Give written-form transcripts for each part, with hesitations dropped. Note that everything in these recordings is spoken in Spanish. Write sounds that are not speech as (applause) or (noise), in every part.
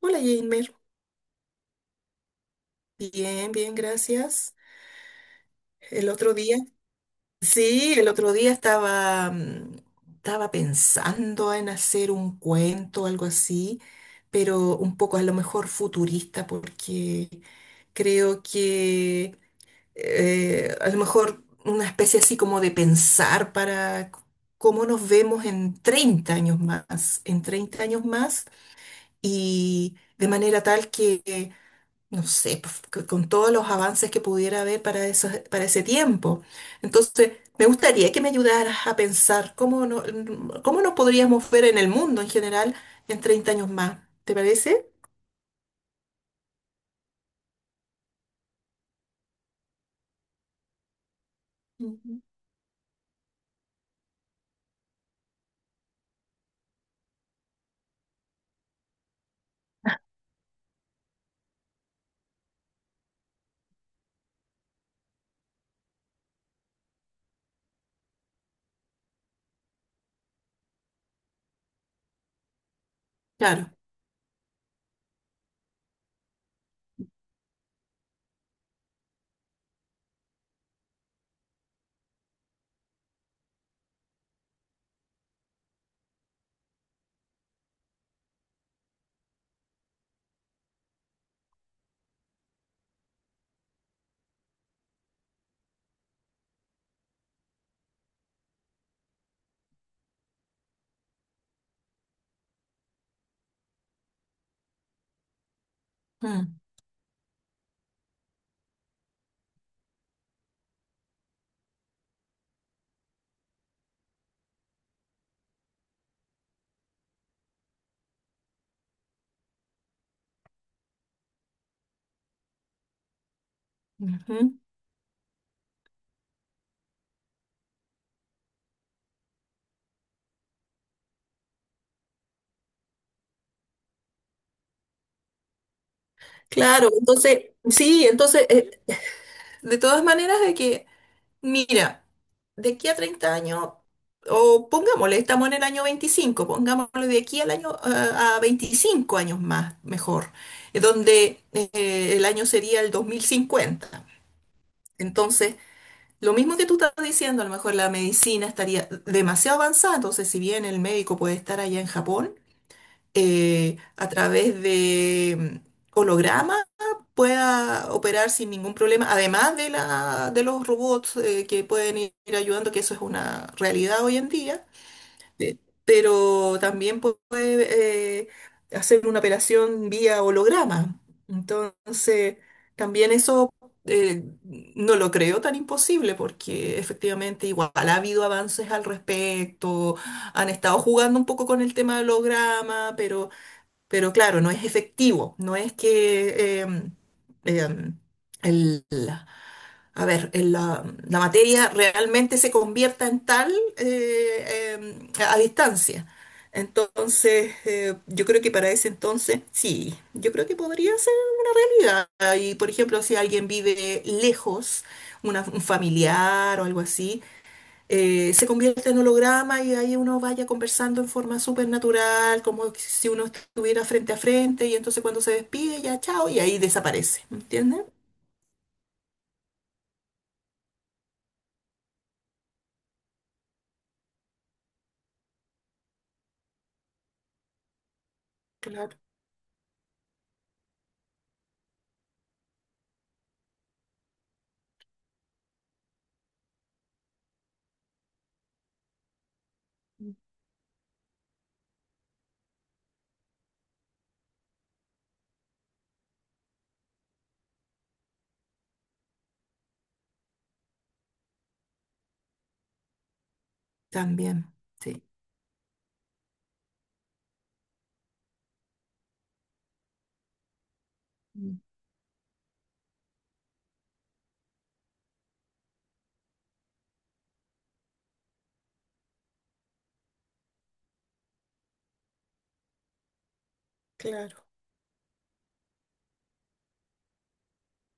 Hola, Jamer. Bien, bien, gracias. El otro día, sí, el otro día estaba, estaba pensando en hacer un cuento, algo así, pero un poco a lo mejor futurista, porque creo que a lo mejor una especie así como de pensar cómo nos vemos en 30 años más, y de manera tal que no sé, pues, con todos los avances que pudiera haber para ese tiempo. Entonces, me gustaría que me ayudaras a pensar cómo, no- cómo nos podríamos ver en el mundo en general en 30 años más. ¿Te parece? Ujú. Claro. Mm, ujú. Claro, entonces, sí, entonces, de todas maneras, de que mira, de aquí a 30 años, o pongámosle, estamos en el año 25, pongámosle de aquí al año, a 25 años más, mejor, donde el año sería el 2050. Entonces, lo mismo que tú estás diciendo, a lo mejor la medicina estaría demasiado avanzada, entonces si bien el médico puede estar allá en Japón, a través de holograma pueda operar sin ningún problema, además de la, de los robots que pueden ir ayudando, que eso es una realidad hoy en día. eh, pero también puede hacer una operación vía holograma. Entonces, también eso, eh, no lo creo tan imposible porque efectivamente igual ha habido avances al respecto, han estado jugando un poco con el tema del holograma, pero claro, no es efectivo, no es que em, el, a ver, el, la materia realmente se convierta en tal, a distancia. Entonces, yo creo que para ese entonces, sí, yo creo que podría ser realidad. Y, por ejemplo, si alguien vive lejos, un familiar o algo así, se convierte en holograma y ahí uno vaya conversando en forma súper natural, como si uno estuviera frente a frente y entonces cuando se despide ya chao y ahí desaparece, ¿entiendes? Claro. También, sí. Mm. Claro.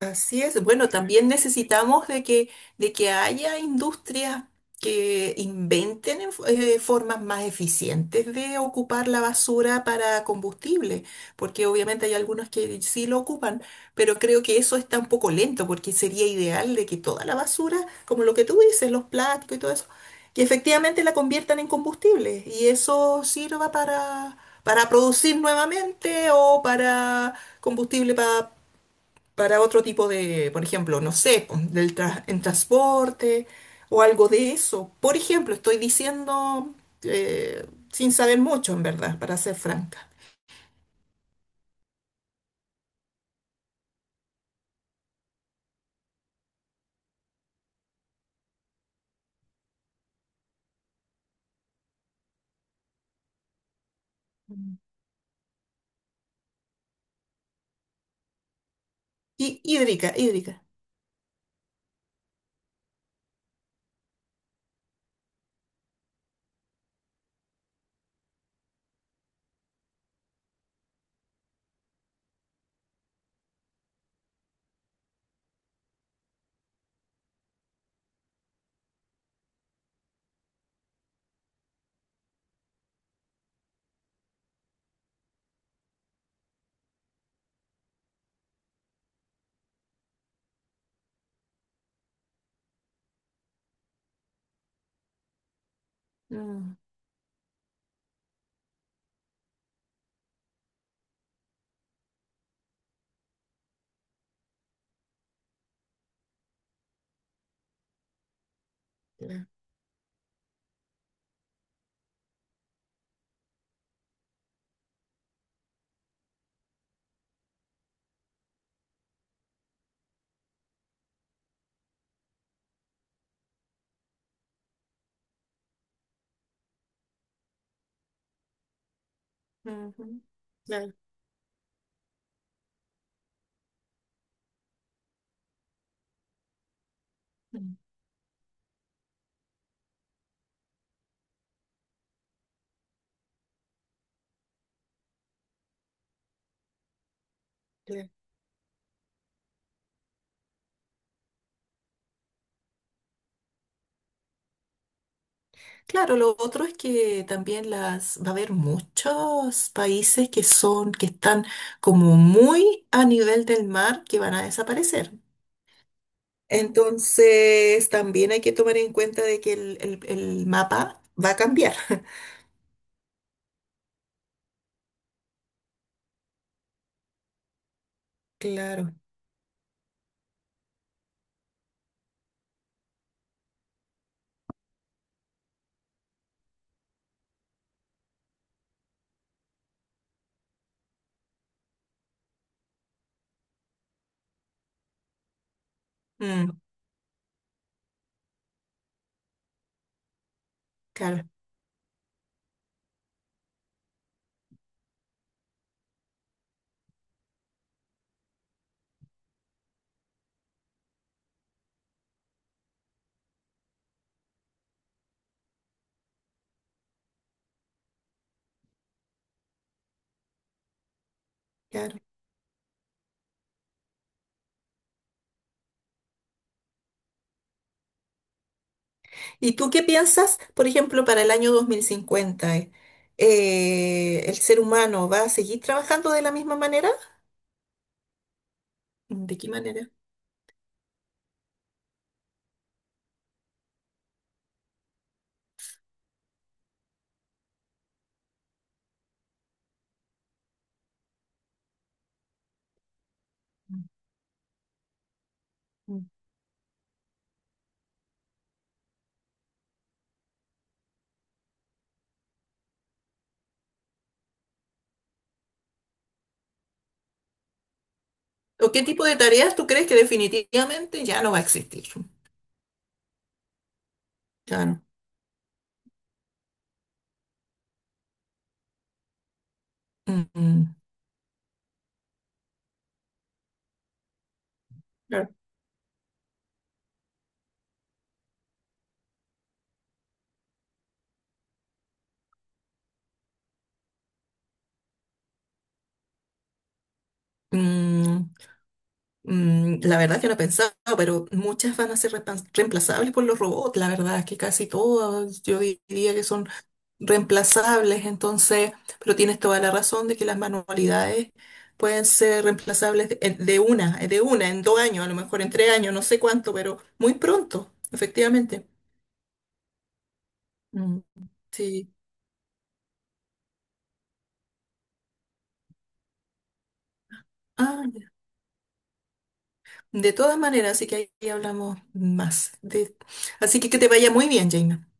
Así es. Bueno, también necesitamos de que haya industrias que inventen formas más eficientes de ocupar la basura para combustible, porque obviamente hay algunos que sí lo ocupan, pero creo que eso está un poco lento, porque sería ideal de que toda la basura, como lo que tú dices, los plásticos y todo eso, que efectivamente la conviertan en combustible y eso sirva para producir nuevamente o para combustible para otro tipo de, por ejemplo, no sé, po, en transporte o algo de eso. Por ejemplo, estoy diciendo eh, sin saber mucho, en verdad, para ser franca. Y hídrica, hídrica. Mm, claro, ujú, claro, mm, claro. Claro, lo otro es que también las va a haber muchos países que son, que están como muy a nivel del mar, que van a desaparecer. Entonces, también hay que tomar en cuenta de que el mapa va a cambiar. (laughs) Claro, mm, claro, claro. ¿Y tú qué piensas, por ejemplo, para el año 2050? ¿El ser humano va a seguir trabajando de la misma manera? ¿De qué manera? Mm. ¿O qué tipo de tareas tú crees que definitivamente ya no va a existir? Claro. Mm, mm, claro. Mm, mm, la verdad que no he pensado, pero muchas van a ser reemplazables por los robots. La verdad es que casi todas yo diría que son reemplazables. Entonces, pero tienes toda la razón de que las manualidades pueden ser reemplazables de, de una, en 2 años, a lo mejor en 3 años, no sé cuánto, pero muy pronto, efectivamente. Mm, sí. Ah, ya. De todas maneras, así que ahí hablamos más. De... Así que te vaya muy bien, Jaina.